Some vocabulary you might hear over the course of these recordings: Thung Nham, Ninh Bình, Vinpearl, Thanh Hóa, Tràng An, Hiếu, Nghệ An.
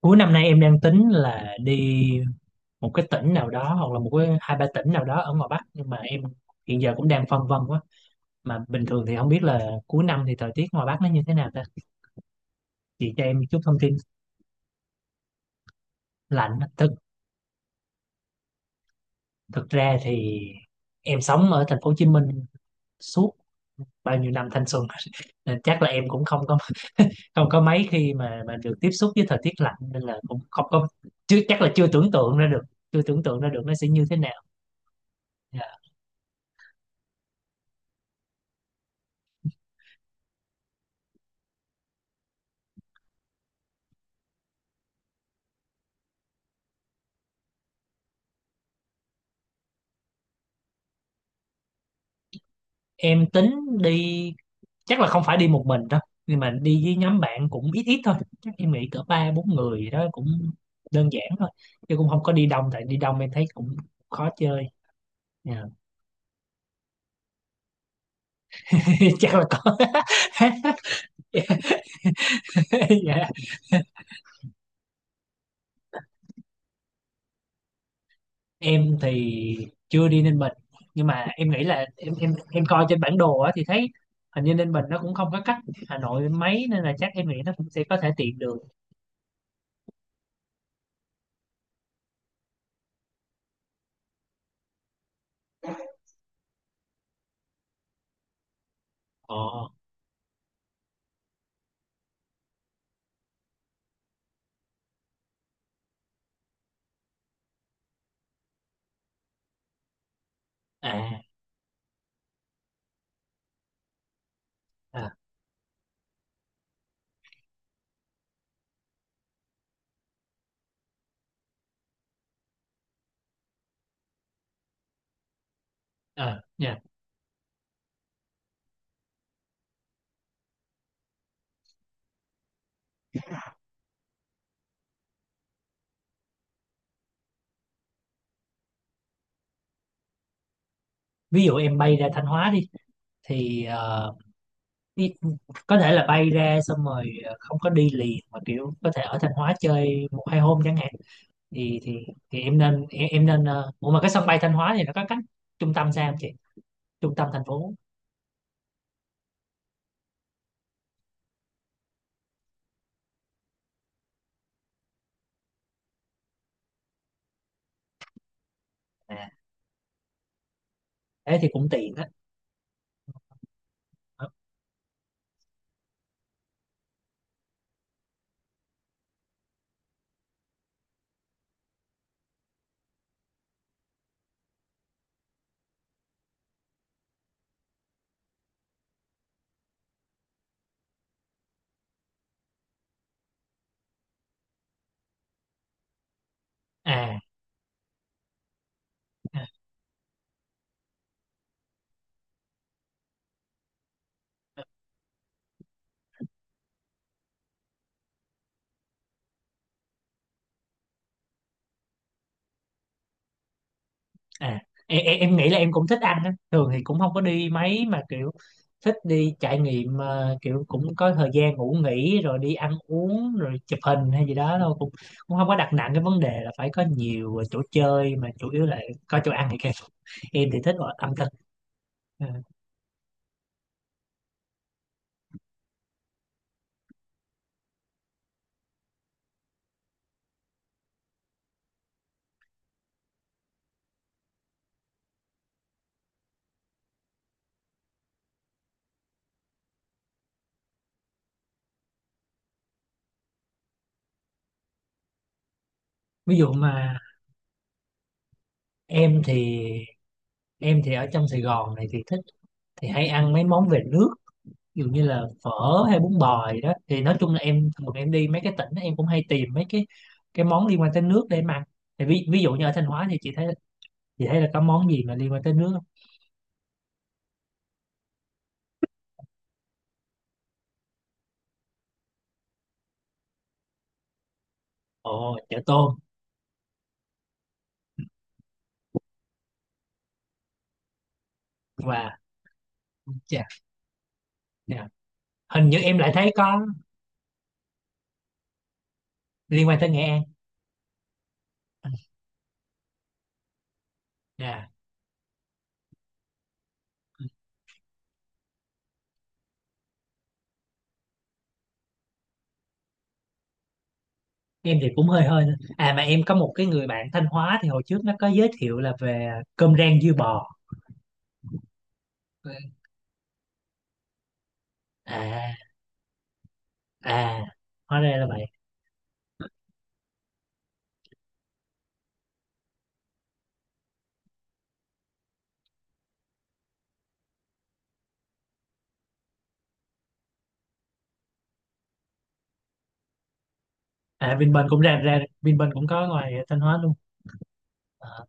Cuối năm nay em đang tính là đi một cái tỉnh nào đó hoặc là một cái hai ba tỉnh nào đó ở ngoài Bắc, nhưng mà em hiện giờ cũng đang phân vân quá. Mà bình thường thì không biết là cuối năm thì thời tiết ngoài Bắc nó như thế nào ta. Chị cho em chút thông tin. Lạnh. Á. Thực thực ra thì em sống ở thành phố Hồ Chí Minh suốt bao nhiêu năm thanh xuân nên chắc là em cũng không có mấy khi mà được tiếp xúc với thời tiết lạnh, nên là cũng không có. Chứ chắc là chưa tưởng tượng ra được, chưa tưởng tượng ra được nó sẽ như thế nào. Dạ. Em tính đi, chắc là không phải đi một mình đâu, nhưng mà đi với nhóm bạn cũng ít ít thôi, chắc em nghĩ cỡ ba bốn người gì đó cũng đơn giản thôi, chứ cũng không có đi đông, tại đi đông em thấy cũng khó chơi. Dạ. Chắc là có. Dạ. Dạ. Em thì chưa đi Ninh Bình, nhưng mà em nghĩ là em coi trên bản đồ á thì thấy hình như Ninh Bình nó cũng không có cách Hà Nội mấy, nên là chắc em nghĩ nó cũng sẽ có thể tiện đường. Ờ. À. À. À, dạ. Ví dụ em bay ra Thanh Hóa đi, thì đi, có thể là bay ra xong rồi không có đi liền mà kiểu có thể ở Thanh Hóa chơi một hai hôm chẳng hạn, thì em nên, em nên, ủa mà cái sân bay Thanh Hóa thì nó có cách trung tâm sao không chị, trung tâm thành phố. À, thế thì cũng tiện á. Ờ. À. À. À, em nghĩ là em cũng thích ăn á. Thường thì cũng không có đi mấy mà kiểu thích đi trải nghiệm, kiểu cũng có thời gian ngủ nghỉ rồi đi ăn uống rồi chụp hình hay gì đó thôi, cũng cũng không có đặt nặng cái vấn đề là phải có nhiều chỗ chơi, mà chủ yếu là có chỗ ăn thì kẹp. Em thì thích ở ẩm thực. Ờ, ví dụ mà em thì em thì ở trong Sài Gòn này thì thích, thì hay ăn mấy món về nước, ví dụ như là phở hay bún bò gì đó, thì nói chung là em thường em đi mấy cái tỉnh em cũng hay tìm mấy cái món liên quan tới nước để em ăn, thì ví dụ như ở Thanh Hóa thì chị thấy là có món gì mà liên quan tới nước không? Ồ, chả tôm. Và chà. Dạ. Hình như em lại thấy có liên quan tới Nghệ An. Dạ. Em thì cũng hơi hơi thôi. À, mà em có một cái người bạn Thanh Hóa thì hồi trước nó có giới thiệu là về cơm rang dưa bò. À. À, hóa ra là vậy. À, Vinpearl cũng ra ra Vinpearl cũng có ngoài Thanh Hóa luôn. À,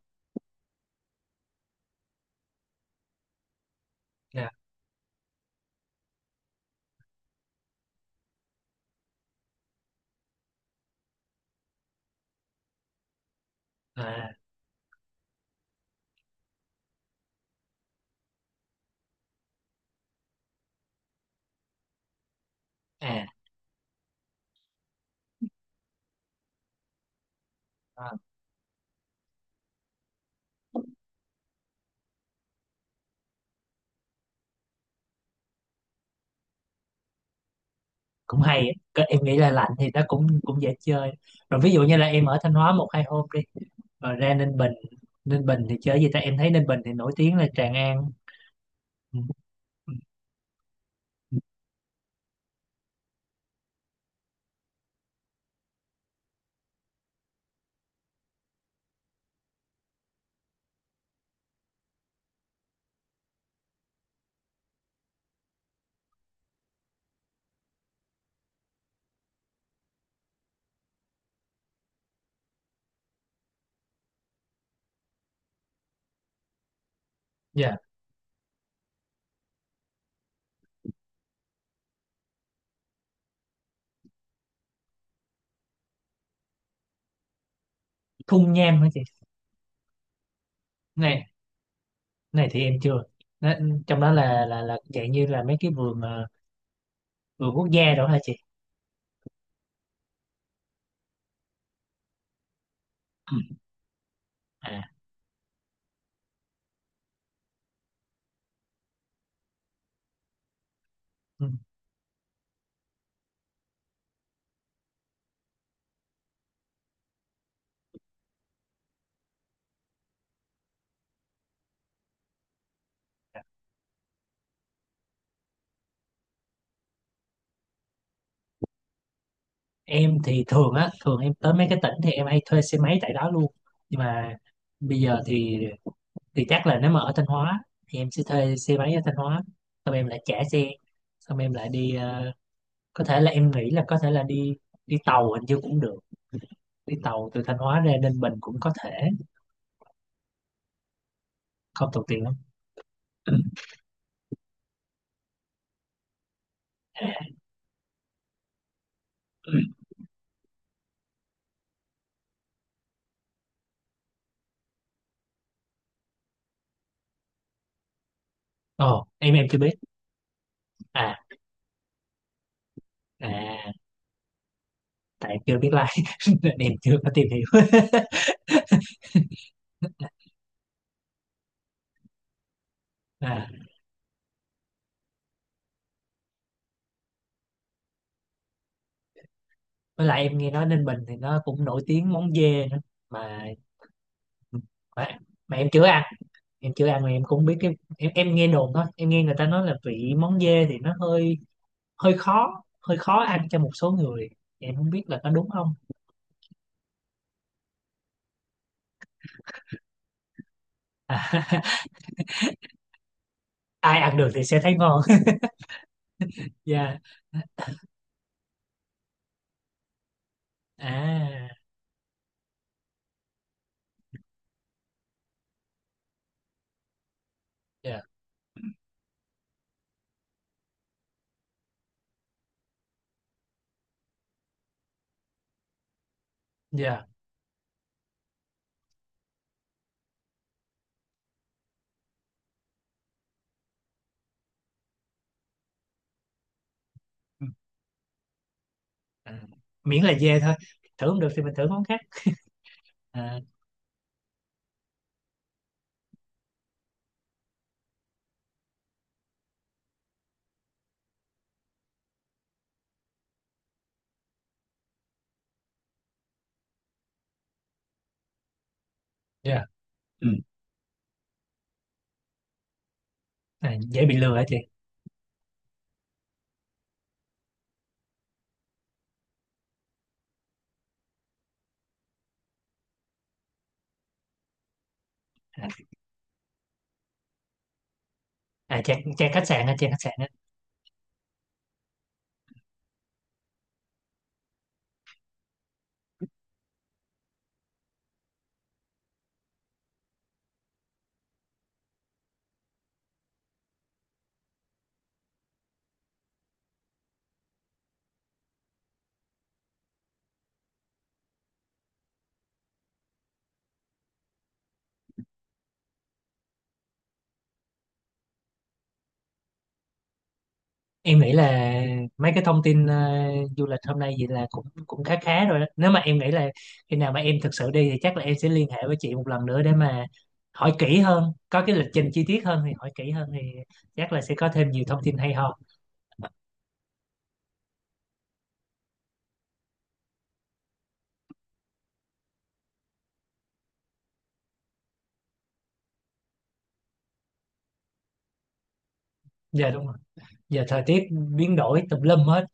dạ. À. À. À, cũng hay á. Cái- em nghĩ là lạnh thì nó cũng cũng dễ chơi, rồi ví dụ như là em ở Thanh Hóa một hai hôm đi rồi ra Ninh Bình. Ninh Bình thì chơi gì ta, em thấy Ninh Bình thì nổi tiếng là Tràng An. Ừ. Ừ. Ừ. Dạ. Thung Nham hả chị? Này, này thì em chưa. Nó, trong đó là dạng như là mấy cái vườn, vườn quốc gia đó hả chị? Ừ. À. Ừ. Em thì thường á, thường em tới mấy cái tỉnh thì em hay thuê xe máy tại đó luôn, nhưng mà bây giờ thì chắc là nếu mà ở Thanh Hóa thì em sẽ thuê xe máy ở Thanh Hóa, xong em lại trả xe, xong em lại đi, có thể là em nghĩ là có thể là đi, đi tàu hình như cũng được, đi tàu từ Thanh Hóa ra Ninh Bình cũng có thể, không tốn tiền lắm. Ồ, em chưa biết. À. À, tại em chưa biết lái nên em chưa có tìm hiểu. À, với lại em nghe nói Ninh Bình thì nó cũng nổi tiếng món dê nữa, mà mà, mà em chưa ăn, em chưa ăn mà em cũng không biết cái em nghe đồn thôi, em nghe người ta nói là vị món dê thì nó hơi hơi khó, hơi khó ăn cho một số người, em không biết là có đúng không. Ai ăn được thì sẽ thấy ngon. Dạ. À. Dạ. Dạ. Ừ. À, miễn là dê thôi, thử không được thì mình thử món khác. À, dạ. Ừ. À, dễ bị lừa hả chị? À, à, trang khách sạn á, trang khách sạn. Em nghĩ là mấy cái thông tin, du lịch hôm nay vậy là cũng cũng khá khá rồi đó, nếu mà em nghĩ là khi nào mà em thực sự đi thì chắc là em sẽ liên hệ với chị một lần nữa để mà hỏi kỹ hơn, có cái lịch trình chi tiết hơn thì hỏi kỹ hơn, thì chắc là sẽ có thêm nhiều thông tin hay ho. Dạ đúng rồi, giờ thời tiết biến đổi tùm lum hết.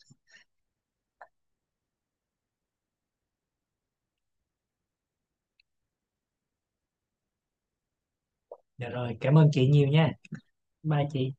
Dạ rồi, cảm ơn chị nhiều nha. Bye chị.